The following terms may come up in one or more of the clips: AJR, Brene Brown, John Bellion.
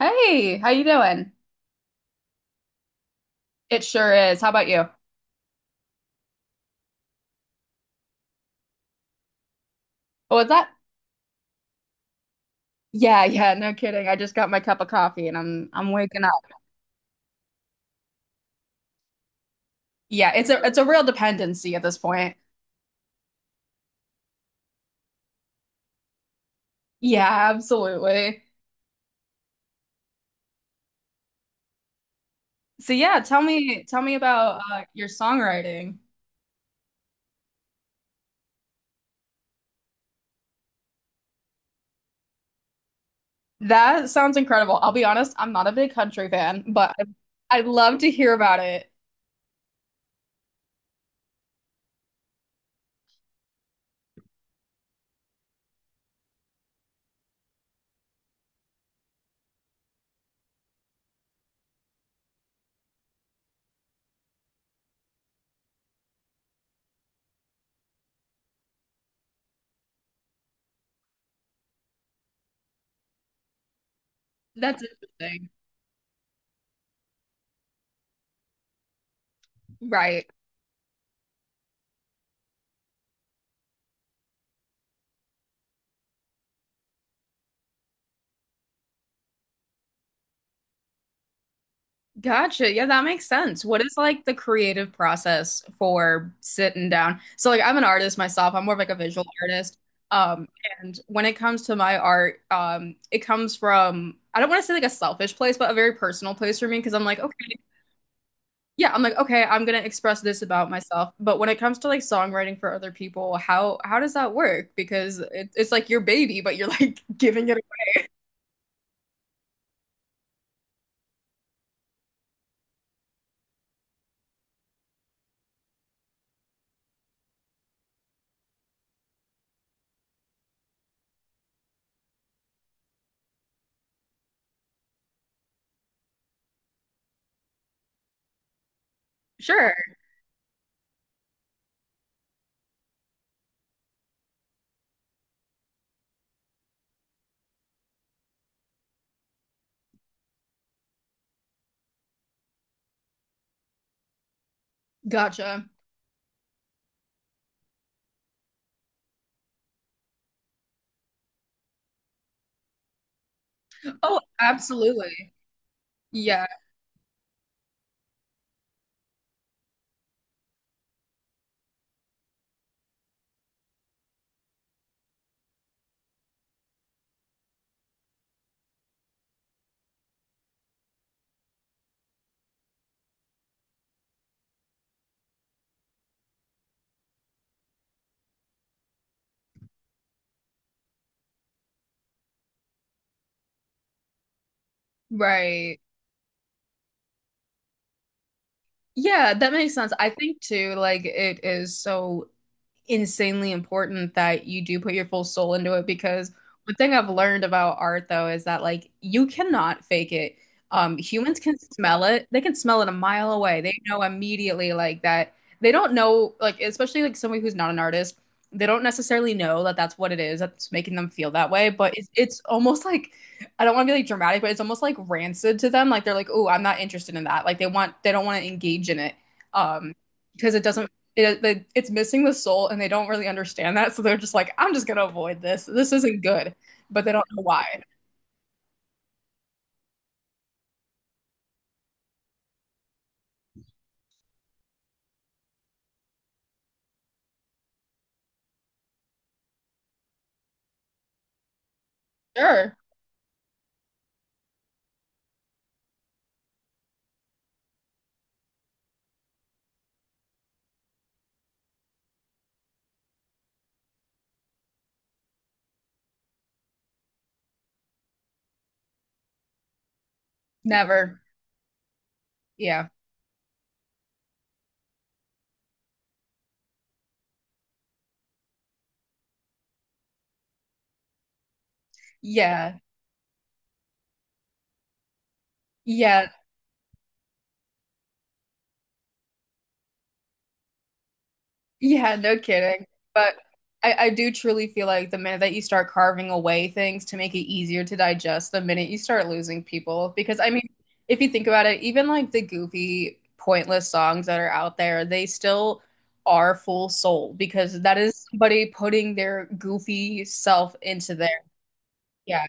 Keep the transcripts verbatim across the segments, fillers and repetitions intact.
Hey, how you doing? It sure is. How about you? Oh, was that? Yeah, yeah, no kidding. I just got my cup of coffee and I'm I'm waking up. Yeah, it's a it's a real dependency at this point. Yeah, absolutely. So yeah, tell me tell me about uh, your songwriting. That sounds incredible. I'll be honest, I'm not a big country fan, but I, I love to hear about it. That's interesting. Right. Gotcha. Yeah, that makes sense. What is like the creative process for sitting down? So like I'm an artist myself. I'm more of like a visual artist. Um, and when it comes to my art, um, it comes from I don't want to say like a selfish place, but a very personal place for me because I'm like, okay, yeah, I'm like, okay, I'm gonna express this about myself. But when it comes to like songwriting for other people, how how does that work? Because it, it's like your baby, but you're like giving it away. Sure. Gotcha. Oh, absolutely. Yeah, right. Yeah, that makes sense. I think too, like it is so insanely important that you do put your full soul into it because one thing I've learned about art though is that like you cannot fake it. Um, humans can smell it. They can smell it a mile away. They know immediately like that. They don't know like especially like somebody who's not an artist. They don't necessarily know that that's what it is that's making them feel that way, but it's, it's almost like I don't want to be like dramatic, but it's almost like rancid to them. Like they're like, "Oh, I'm not interested in that." Like they want they don't want to engage in it. Um, because it doesn't it, they, it's missing the soul and they don't really understand that, so they're just like, I'm just gonna avoid this, this isn't good, but they don't know why. Sure. Never. Yeah. Yeah. Yeah. Yeah, no kidding. But I, I do truly feel like the minute that you start carving away things to make it easier to digest, the minute you start losing people, because I mean, if you think about it, even like the goofy pointless songs that are out there, they still are full soul because that is somebody putting their goofy self into there. Yeah.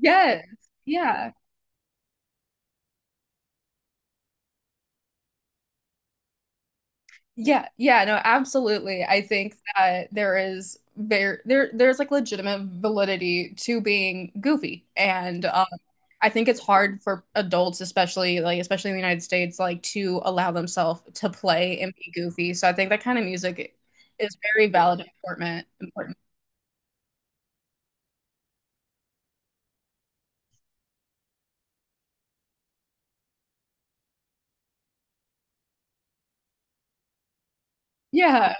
Yes. Yeah. Yeah. Yeah. No, absolutely. I think that there is there there there's like legitimate validity to being goofy. And um I think it's hard for adults, especially like especially in the United States, like to allow themselves to play and be goofy. So I think that kind of music is very valid and important important. Yeah.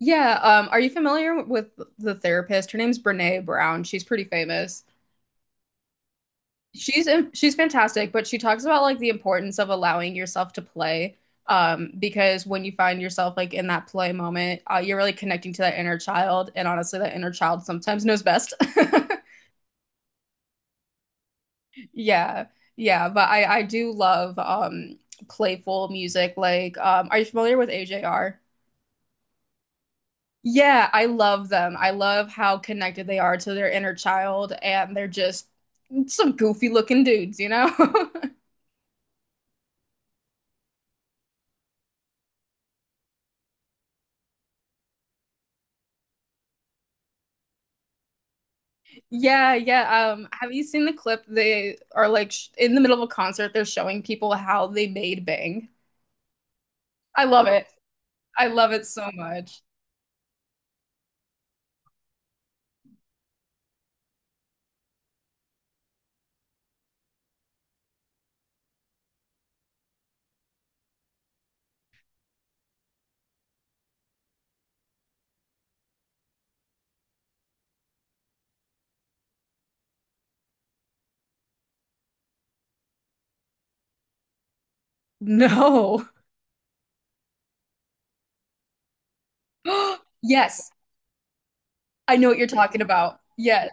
Yeah. Um, are you familiar with the therapist? Her name's Brene Brown. She's pretty famous. she's she's fantastic, but she talks about like the importance of allowing yourself to play. Um, because when you find yourself like in that play moment, uh, you're really connecting to that inner child, and honestly, that inner child sometimes knows best. Yeah, yeah, but I I do love um playful music. Like, um, are you familiar with A J R? Yeah, I love them. I love how connected they are to their inner child, and they're just some goofy looking dudes, you know? Yeah, yeah. Um, have you seen the clip? They are like sh in the middle of a concert, they're showing people how they made Bang. I love it. I love it so much. No. Yes, I know what you're talking about. Yes.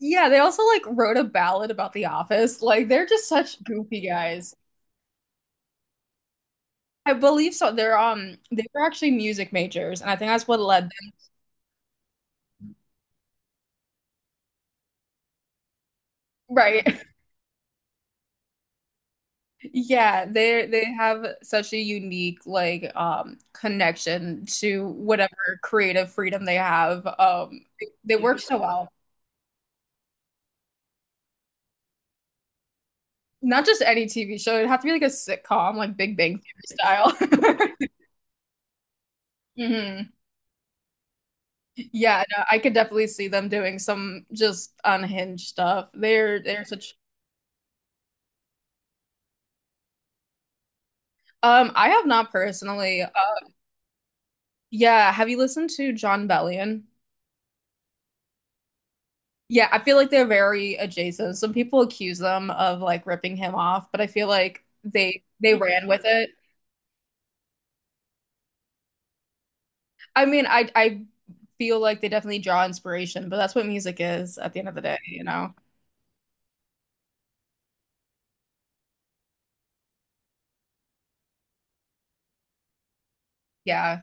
Yeah, they also like wrote a ballad about The Office. Like they're just such goofy guys. I believe so. They're um they were actually music majors, and I think that's what led them. Right. Yeah, they they have such a unique like um connection to whatever creative freedom they have. Um they, they work so well. Not just any T V show, it'd have to be like a sitcom, like Big Bang Theory style. Hmm. Yeah, no, I could definitely see them doing some just unhinged stuff. They're they're such um I have not personally. Uh, yeah, have you listened to John Bellion? Yeah, I feel like they're very adjacent. Some people accuse them of like ripping him off, but I feel like they they ran with it. I mean, I I feel like they definitely draw inspiration, but that's what music is at the end of the day, you know? Yeah.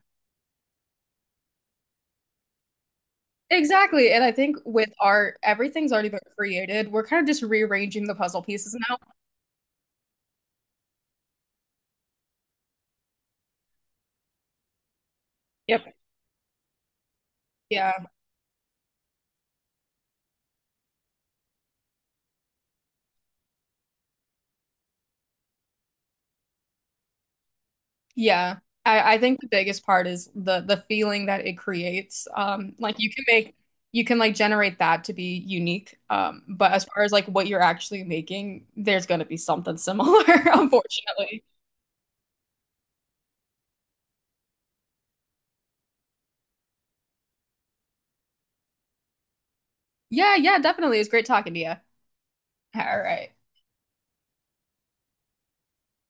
Exactly. And I think with art, everything's already been created. We're kind of just rearranging the puzzle pieces now. Yep. Yeah. Yeah. I, I think the biggest part is the the feeling that it creates. Um, like you can make you can like generate that to be unique. Um, but as far as like what you're actually making, there's gonna be something similar, unfortunately. Yeah, yeah, definitely. It was great talking to you. All right.